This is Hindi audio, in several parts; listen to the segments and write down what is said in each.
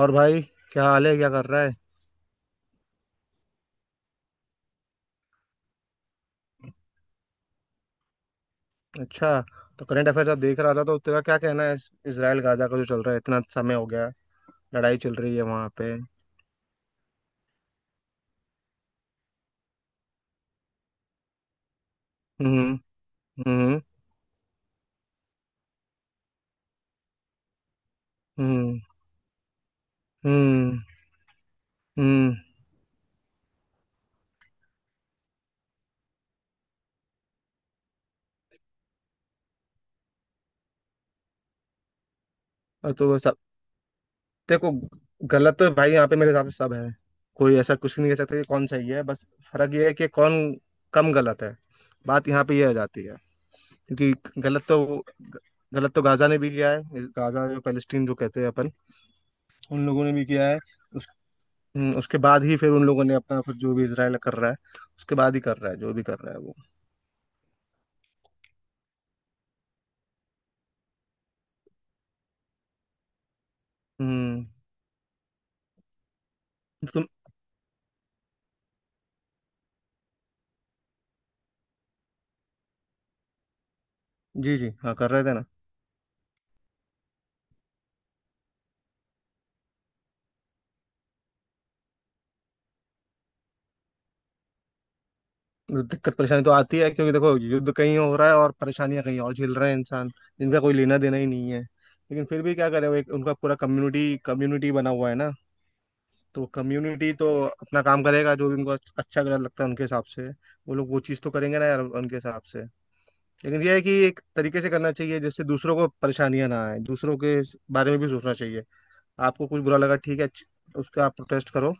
और भाई क्या हाल है, क्या कर रहा है? अच्छा, तो करंट अफेयर आप देख रहा था? तो तेरा क्या कहना है इसराइल गाजा का जो चल रहा है, इतना समय हो गया, लड़ाई चल रही है वहां पे। हम्म। हम्म। हम्म। हम्म। हम्म। और तो वो सब देखो, गलत तो भाई यहाँ पे मेरे हिसाब से सब है। कोई ऐसा कुछ नहीं कह सकता कि कौन सही है, बस फर्क ये है कि कौन कम गलत है। बात यहाँ पे ये आ जाती है, क्योंकि गलत तो गाजा ने भी किया है। गाजा, जो पैलेस्टीन जो कहते हैं अपन, उन लोगों ने भी किया है। उसके बाद ही फिर उन लोगों ने अपना, फिर जो भी इसराइल कर रहा है उसके बाद ही कर रहा है, जो भी कर रहा है वो। हम्म। तुम। जी जी, हाँ कर रहे थे ना। दिक्कत परेशानी तो आती है, क्योंकि देखो युद्ध कहीं हो रहा है और परेशानियां कहीं और झेल रहे हैं इंसान, जिनका कोई लेना देना ही नहीं है। लेकिन फिर भी क्या करें, वो एक उनका पूरा कम्युनिटी कम्युनिटी बना हुआ है ना। तो कम्युनिटी तो अपना काम करेगा, जो भी उनको अच्छा गलत लगता है उनके हिसाब से वो लोग वो चीज़ तो करेंगे ना यार उनके हिसाब से। लेकिन ये है कि एक तरीके से करना चाहिए, जिससे दूसरों को परेशानियां ना आए, दूसरों के बारे में भी सोचना चाहिए। आपको कुछ बुरा लगा, ठीक है, उसका आप प्रोटेस्ट करो।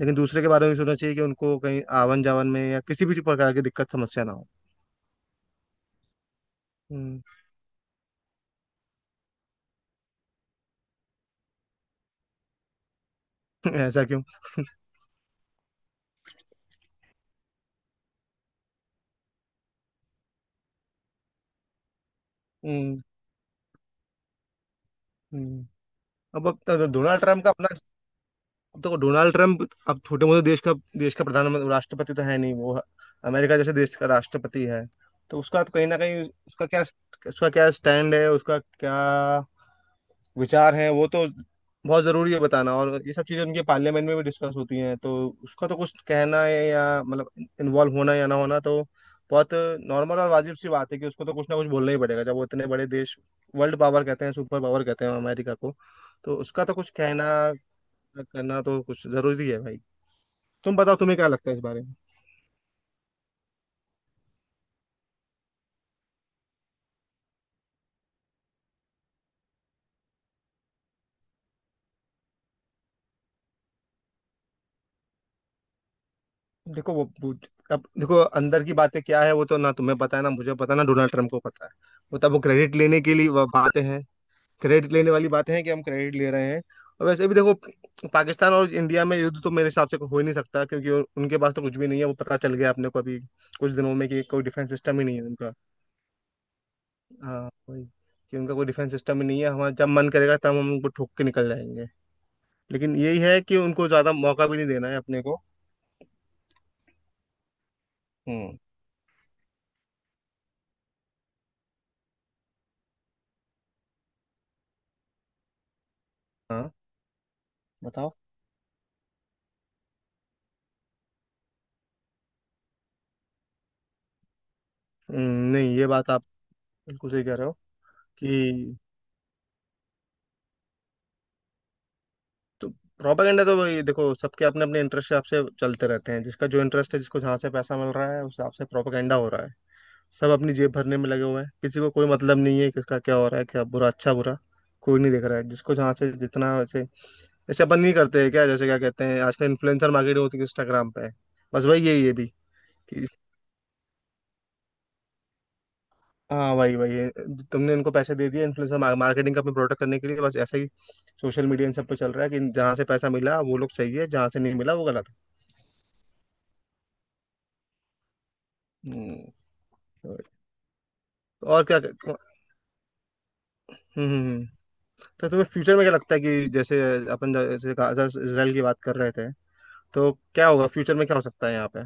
लेकिन दूसरे के बारे में भी सोचना चाहिए कि उनको कहीं आवन जावन में या किसी भी प्रकार की दिक्कत समस्या ना हो। हम्म। ऐसा क्यों? हम्म। हम्म। अब तो डोनाल्ड ट्रम्प का अपना, अब देखो डोनाल्ड ट्रम्प, अब छोटे मोटे देश का प्रधानमंत्री राष्ट्रपति तो है नहीं वो। अमेरिका जैसे देश का राष्ट्रपति है। तो उसका तो कहीं ना कहीं उसका क्या, उसका क्या स्टैंड है, उसका क्या विचार है वो तो बहुत जरूरी है बताना। और ये सब चीजें उनके पार्लियामेंट में भी डिस्कस होती हैं। तो उसका तो कुछ कहना है या मतलब इन्वॉल्व होना या ना होना तो बहुत नॉर्मल और वाजिब सी बात है कि उसको तो कुछ ना कुछ बोलना ही पड़ेगा, जब वो इतने बड़े देश, वर्ल्ड पावर कहते हैं, सुपर पावर कहते हैं अमेरिका को। तो उसका तो कुछ कहना करना तो कुछ जरूरी है भाई। तुम बताओ, तुम्हें क्या लगता है इस बारे में? देखो अब देखो अंदर की बातें क्या है, वो तो ना तुम्हें पता है, ना मुझे पता है, ना डोनाल्ड ट्रम्प को पता है। वो तब वो क्रेडिट लेने के लिए वो बातें हैं, क्रेडिट लेने वाली बातें हैं कि हम क्रेडिट ले रहे हैं। और वैसे भी देखो, पाकिस्तान और इंडिया में युद्ध तो मेरे हिसाब से हो ही नहीं सकता, क्योंकि उनके पास तो कुछ भी नहीं है, वो पता चल गया अपने को अभी कुछ दिनों में कि कोई डिफेंस सिस्टम ही नहीं है उनका। हाँ वही, कि उनका कोई डिफेंस सिस्टम ही नहीं है, हमारा जब मन करेगा तब हम उनको ठोक के निकल जाएंगे। लेकिन यही है कि उनको ज्यादा मौका भी नहीं देना है अपने को। हम्म। हाँ बताओ। हम्म, नहीं ये बात आप बिल्कुल सही कह रहे हो कि। तो प्रोपेगेंडा तो वही देखो, सबके अपने अपने इंटरेस्ट के हिसाब से चलते रहते हैं। जिसका जो इंटरेस्ट है, जिसको जहाँ से पैसा मिल रहा है, उस हिसाब से प्रोपेगेंडा हो रहा है। सब अपनी जेब भरने में लगे हुए हैं, किसी को कोई मतलब नहीं है किसका क्या हो रहा है, क्या बुरा अच्छा बुरा कोई नहीं देख रहा है, जिसको जहाँ से जितना। वैसे जैसे अपन नहीं करते हैं क्या, जैसे क्या कहते हैं आजकल, इन्फ्लुएंसर मार्केटिंग होती है इंस्टाग्राम पे, बस वही यही है भी। हाँ वही वही, तुमने इनको पैसे दे दिए इन्फ्लुएंसर मार्केटिंग का अपने प्रोडक्ट करने के लिए, बस ऐसा ही सोशल मीडिया इन सब पे चल रहा है कि जहाँ से पैसा मिला वो लोग सही है, जहाँ से नहीं मिला वो गलत है। हम्म, और क्या। हम्म। हम्म। हम्म। तो तुम्हें फ्यूचर में क्या लगता है कि जैसे अपन जैसे गाजा इसराइल की बात कर रहे थे, तो क्या होगा फ्यूचर में, क्या हो सकता है यहाँ पे?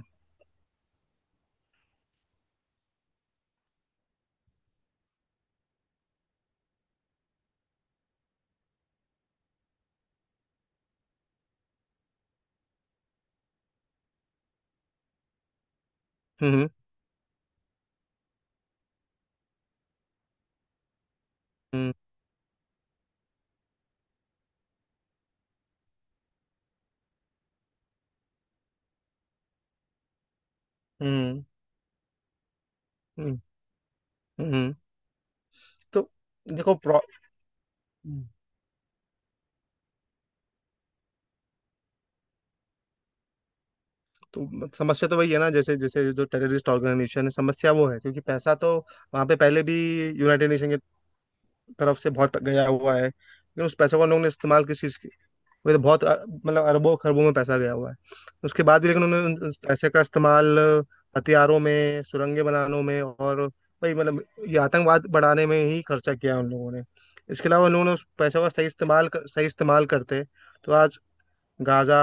हम्म हम्म। हम्म। हम्म। हम्म। हम्म। हम्म। तो देखो हम्म। तो समस्या तो वही है ना, जैसे जैसे जो टेररिस्ट ऑर्गेनाइजेशन है, समस्या वो है। क्योंकि पैसा तो वहां पे पहले भी यूनाइटेड नेशन के तरफ से बहुत गया हुआ है, लेकिन उस पैसों को लोगों ने इस्तेमाल किस चीज़ की। वो तो बहुत मतलब अरबों खरबों में पैसा गया हुआ है उसके बाद भी। लेकिन उन्होंने उस पैसे का इस्तेमाल हथियारों में सुरंगें बनाने में और वही मतलब ये आतंकवाद बढ़ाने में ही खर्चा किया उन लोगों ने। इसके अलावा उन लोगों ने उस पैसों का सही सही इस्तेमाल करते तो आज गाजा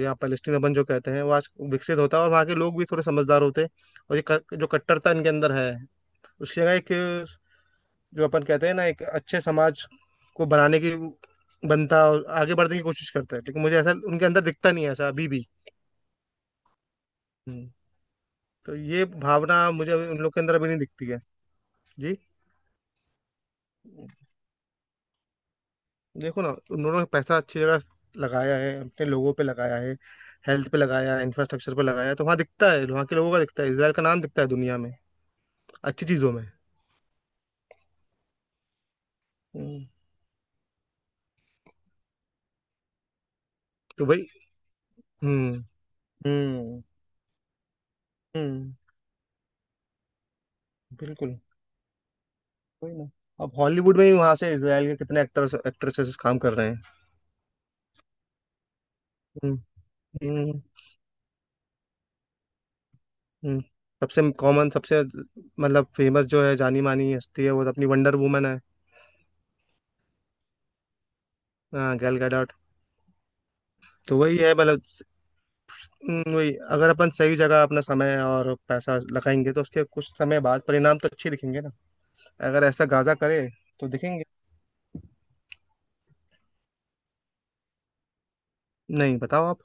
या पैलेस्टीन अपन जो कहते हैं, वो आज विकसित होता और वहाँ के लोग भी थोड़े समझदार होते। और जो कट्टरता इनके अंदर है, उसकी जगह एक, जो अपन कहते हैं ना एक अच्छे समाज को बनाने की बनता और आगे बढ़ने की कोशिश करता। है लेकिन मुझे ऐसा उनके अंदर दिखता नहीं है, ऐसा अभी भी। हम्म, तो ये भावना मुझे अभी उन लोग के अंदर अभी नहीं दिखती है। जी, देखो ना उन लोगों ने पैसा अच्छी जगह लगाया है, अपने लोगों पे लगाया है, हेल्थ पे लगाया है, इंफ्रास्ट्रक्चर पे लगाया है, तो वहाँ दिखता है, वहाँ के लोगों का दिखता है, इसराइल का नाम दिखता है दुनिया में अच्छी चीजों में। हम्म, तो भाई। हम्म। हम्म। हम्म। बिल्कुल, वही ना, अब हॉलीवुड में भी वहां से इसराइल के कितने एक्टर्स एक्ट्रेसेस काम कर रहे हैं। हम्म। हम्म। हम्म। सबसे कॉमन, सबसे मतलब फेमस जो है, जानी मानी हस्ती है, वो तो अपनी वंडर वुमन है। हाँ गैल गैडोट। तो वही है, मतलब वही अगर अपन सही जगह अपना समय और पैसा लगाएंगे, तो उसके कुछ समय बाद परिणाम तो अच्छे दिखेंगे ना। अगर ऐसा गाजा करे तो दिखेंगे। नहीं बताओ आप।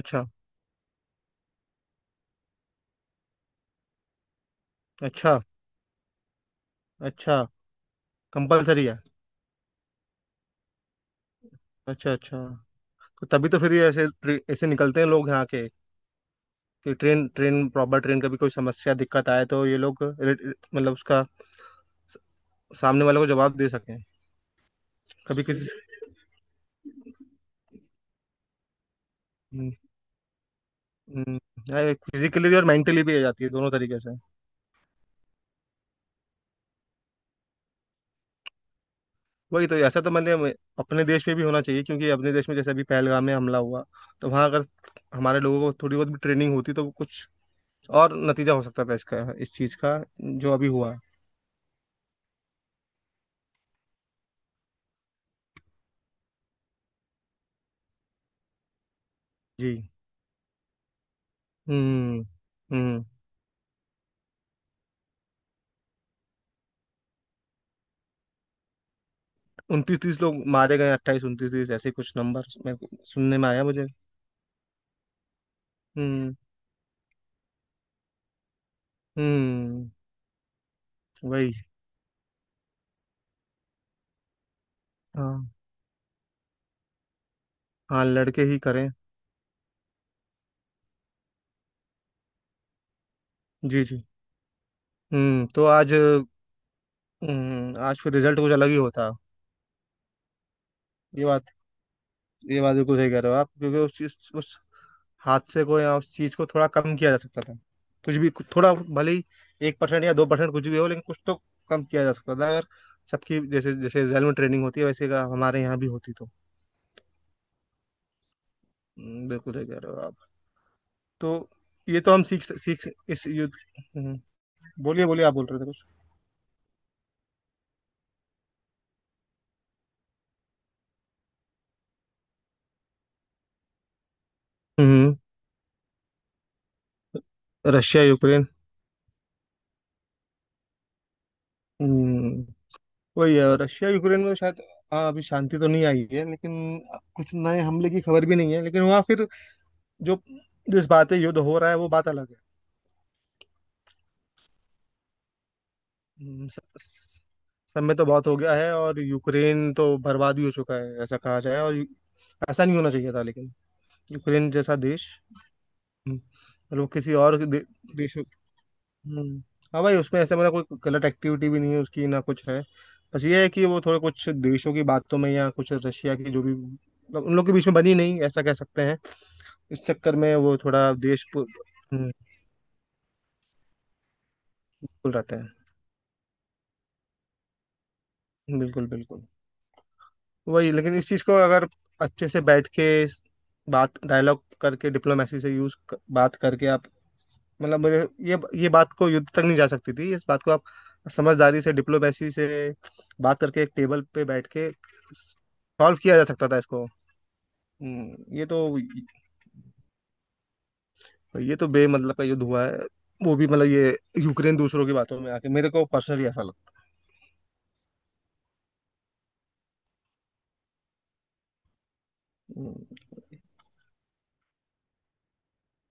अच्छा। अच्छा। अच्छा। कंपलसरी है? अच्छा अच्छा। तो तभी तो फिर ये ऐसे ऐसे निकलते हैं लोग यहाँ के, कि ट्रेन ट्रेन प्रॉपर ट्रेन का भी कोई समस्या दिक्कत आए तो ये लोग रि- रि- मतलब उसका स- सामने वाले को जवाब दे सकें। कभी किसी, फिजिकली भी और मेंटली भी आ जाती है दोनों तरीके से। वही तो ऐसा तो मैंने अपने देश में भी होना चाहिए। क्योंकि अपने देश में जैसे अभी पहलगाम में हमला हुआ, तो वहाँ अगर हमारे लोगों को थोड़ी बहुत भी ट्रेनिंग होती तो कुछ और नतीजा हो सकता था इसका, इस चीज़ का जो अभी हुआ। जी। हम्म। हम्म। उनतीस तीस लोग मारे गए, अट्ठाईस उनतीस तीस ऐसे कुछ नंबर मेरे को सुनने में आया मुझे। हम्म। हम्म। वही, हाँ। हाँ लड़के ही करें। जी जी। हम्म, तो आज, आज फिर रिजल्ट कुछ अलग ही होता। ये बात, ये बात बिल्कुल सही कह रहे हो आप, क्योंकि उस चीज, उस हादसे को या उस चीज को थोड़ा कम किया जा सकता था। कुछ भी थोड़ा भले ही 1 परसेंट या 2 परसेंट कुछ भी हो, लेकिन कुछ तो कम किया जा सकता था, अगर सबकी जैसे जैसे जेल में ट्रेनिंग होती है वैसे का हमारे यहाँ भी होती तो। बिल्कुल सही कह रहे हो आप। तो ये तो हम सीख सीख इस युद्ध। हम्म। हम्म। बोलिए बोलिए, आप बोल रहे थे कुछ। हम्म। Russia Ukraine. हम्म, वही है, रशिया यूक्रेन में शायद, हाँ अभी शांति तो नहीं आई है, लेकिन कुछ नए हमले की खबर भी नहीं है। लेकिन वहाँ फिर जो जिस बात है युद्ध हो रहा है वो बात अलग है। हम्म, स- स- सब में तो बहुत हो गया है और यूक्रेन तो बर्बाद भी हो चुका है ऐसा कहा जाए। और ऐसा नहीं होना चाहिए था, लेकिन यूक्रेन जैसा देश, मतलब किसी और देश। हम्म, हाँ भाई उसमें ऐसा मतलब कोई गलत एक्टिविटी भी नहीं है उसकी ना कुछ है। बस ये है कि वो थोड़े कुछ देशों की बातों में या कुछ रशिया की जो भी मतलब उन लोग के बीच में बनी नहीं ऐसा कह सकते हैं। इस चक्कर में वो थोड़ा देश हम्म, बिल्कुल रहते हैं। बिल्कुल बिल्कुल। वही, लेकिन इस चीज को अगर अच्छे से बैठ के इस बात डायलॉग करके डिप्लोमेसी से यूज बात करके आप, मतलब मुझे ये बात को युद्ध तक नहीं जा सकती थी, इस बात को आप समझदारी से डिप्लोमेसी से बात करके एक टेबल पे बैठ के सॉल्व किया जा सकता था इसको। ये तो, ये तो बेमतलब का युद्ध हुआ है, वो भी मतलब ये यूक्रेन दूसरों की बातों में आके, मेरे को पर्सनली ऐसा लगता है।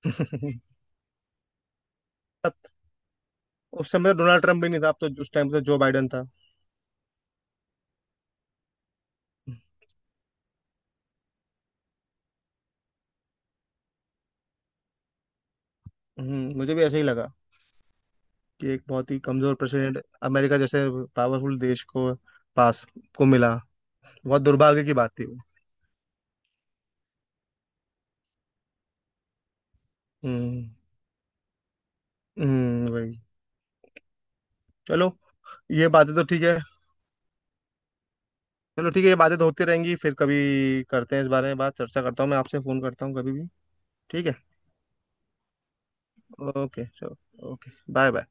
हम्म। तब उस समय डोनाल्ड ट्रम्प भी नहीं था, अब तो उस टाइम तो जो बाइडन था। मुझे भी ऐसा ही लगा कि एक बहुत ही कमजोर प्रेसिडेंट अमेरिका जैसे पावरफुल देश को पास को मिला, बहुत दुर्भाग्य की बात थी वो। हम्म। वही। चलो ये बातें तो ठीक है, चलो ठीक है, ये बातें तो होती रहेंगी, फिर कभी करते हैं इस बारे में बात, चर्चा करता हूँ मैं आपसे, फोन करता हूँ कभी भी। ठीक है, ओके चलो, ओके बाय बाय।